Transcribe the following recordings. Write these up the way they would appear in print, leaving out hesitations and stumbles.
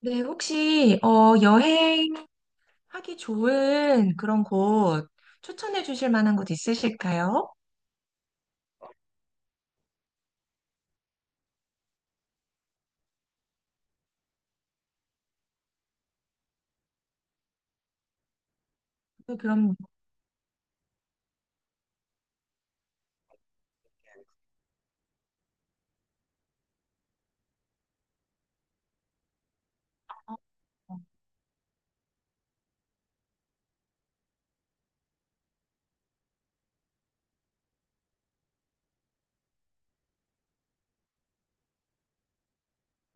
네, 혹시 여행하기 좋은 그런 곳 추천해 주실 만한 곳 있으실까요? 네, 그럼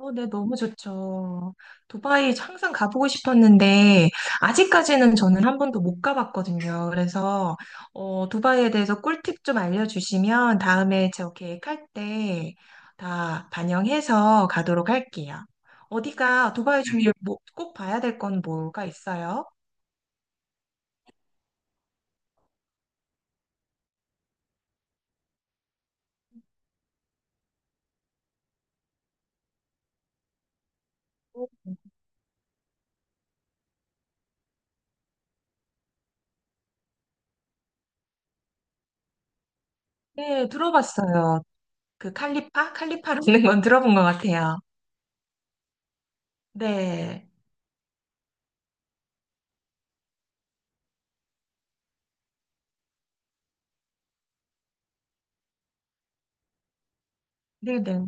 네, 너무 좋죠. 두바이 항상 가보고 싶었는데 아직까지는 저는 한 번도 못 가봤거든요. 그래서 두바이에 대해서 꿀팁 좀 알려주시면 다음에 제 계획할 때 다 반영해서 가도록 할게요. 어디가 두바이 중에 뭐, 꼭 봐야 될 건 뭐가 있어요? 네, 들어봤어요. 그 칼리파? 칼리파라는 건 들어본 것 같아요. 네. 네네.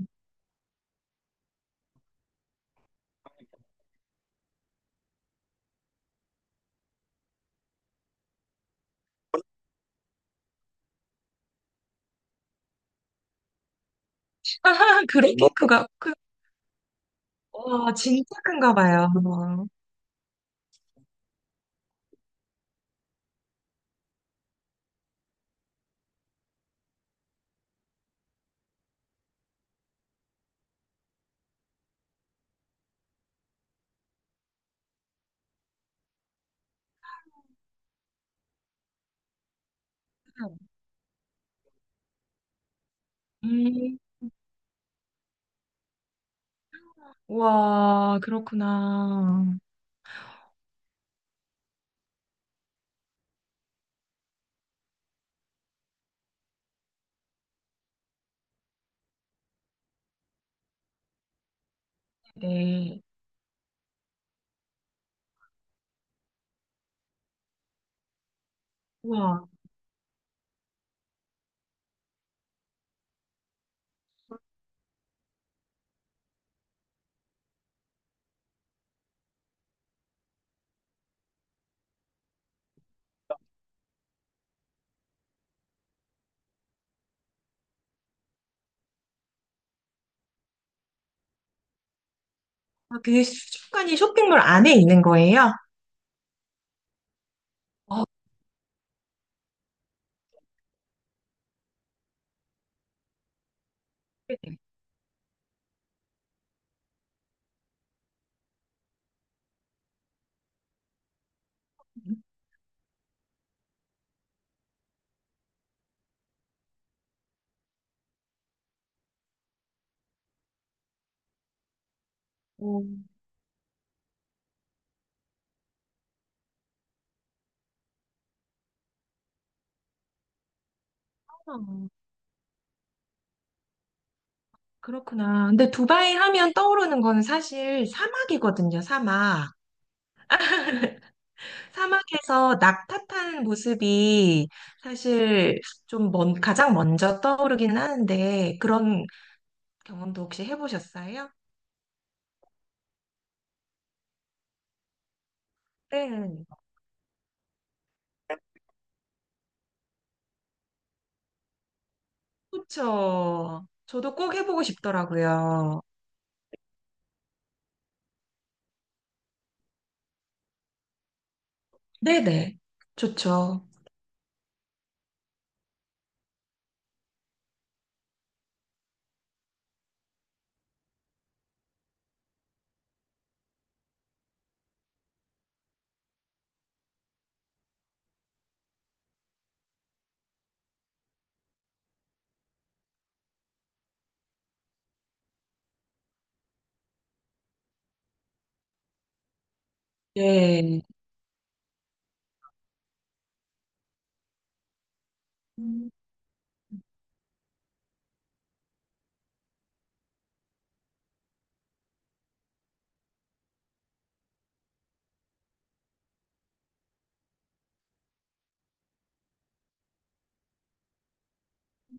그런 너, 크가 그, 와, 진짜 큰가 봐요. 음, 와, 그렇구나. 네. 와, 아, 그 수족관이 쇼핑몰 안에 있는 거예요? 어, 오, 그렇구나. 근데 두바이 하면 떠오르는 거는 사실 사막이거든요, 사막. 사막에서 낙타 탄 모습이 사실 좀 먼, 가장 먼저 떠오르긴 하는데 그런 경험도 혹시 해보셨어요? 네. 그렇죠. 저도 꼭 해보고 싶더라고요. 네네. 좋죠. 네. 음.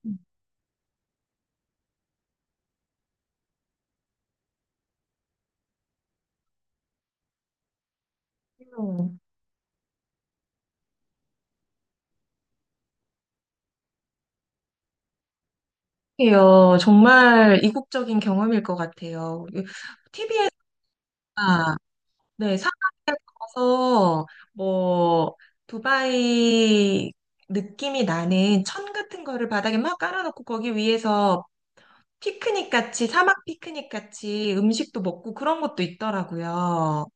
음, 이게요. 정말 이국적인 경험일 것 같아요. TV에서 네, 사막에 가서 뭐 두바이 느낌이 나는 천 같은 거를 바닥에 막 깔아놓고 거기 위에서 피크닉 같이 사막 피크닉 같이 음식도 먹고 그런 것도 있더라고요.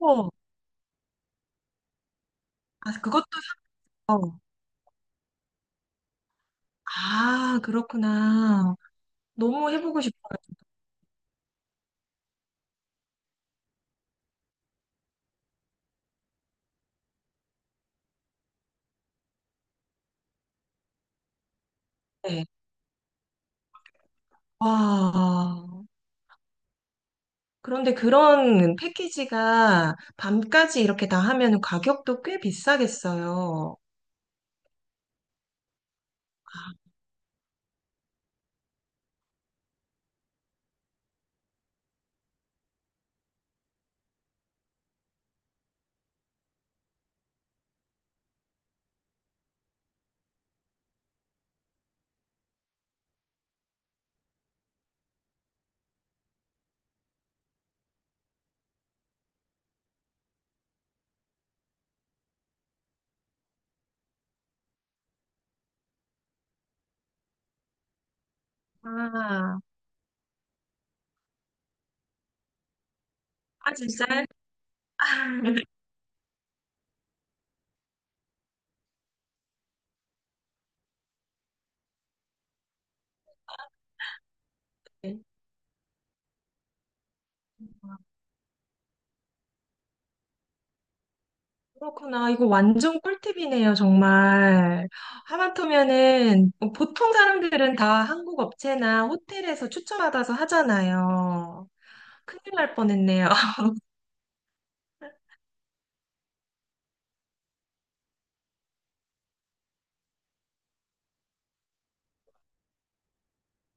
어, 아 그것도 사- 어. 아 그렇구나. 너무 해보고 싶어가지고. 네. 와. 그런데 그런 패키지가 밤까지 이렇게 다 하면 가격도 꽤 비싸겠어요. 아. 그렇구나. 이거 완전 꿀팁이네요, 정말. 하마터면은 뭐 보통 사람들은 다 한국 업체나 호텔에서 추천받아서 하잖아요. 큰일 날 뻔했네요.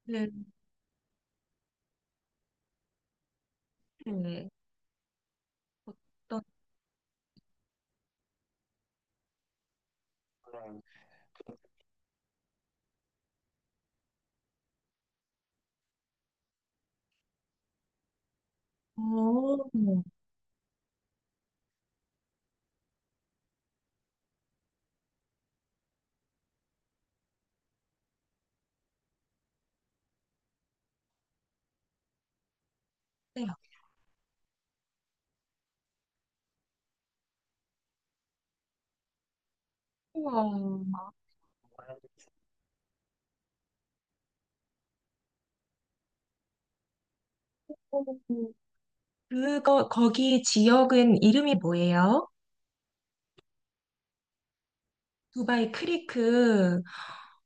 네. 네. 또- 어, 네. 우와. 그거, 거기 지역은 이름이 뭐예요? 두바이 크리크.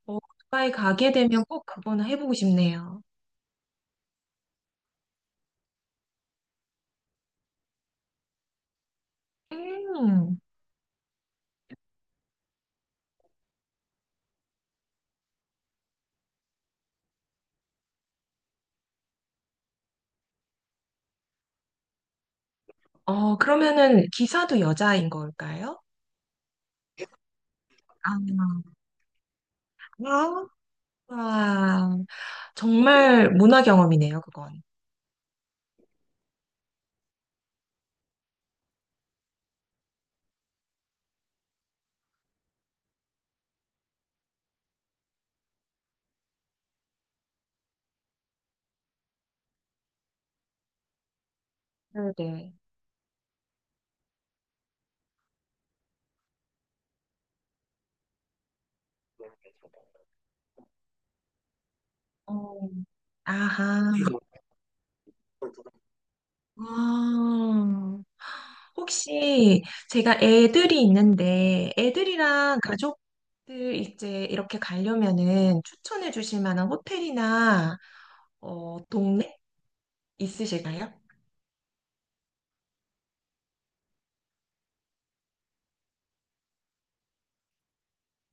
어, 두바이 가게 되면 꼭 그거는 해보고 싶네요. 음. 어, 그러면은 기사도 여자인 걸까요? 아. 아, 아, 정말 문화 경험이네요, 그건. 네네. 어, 아하. 아, 혹시 제가 애들이 있는데 애들이랑 가족들 이제 이렇게 가려면은 추천해 주실 만한 호텔이나 동네 있으실까요?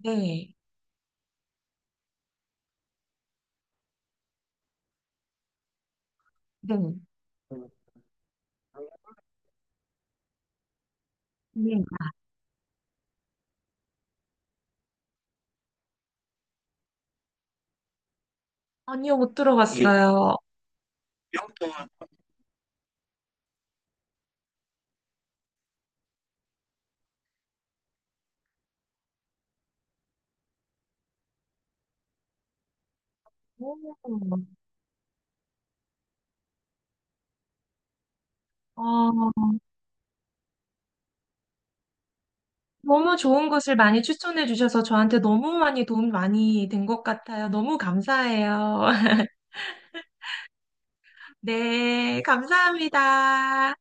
네, 네, 네. 아니요, 못 들어봤어요. 오, 아, 너무 좋은 곳을 많이 추천해 주셔서 저한테 너무 많이 도움 많이 된 것 같아요. 너무 감사해요. 네, 감사합니다.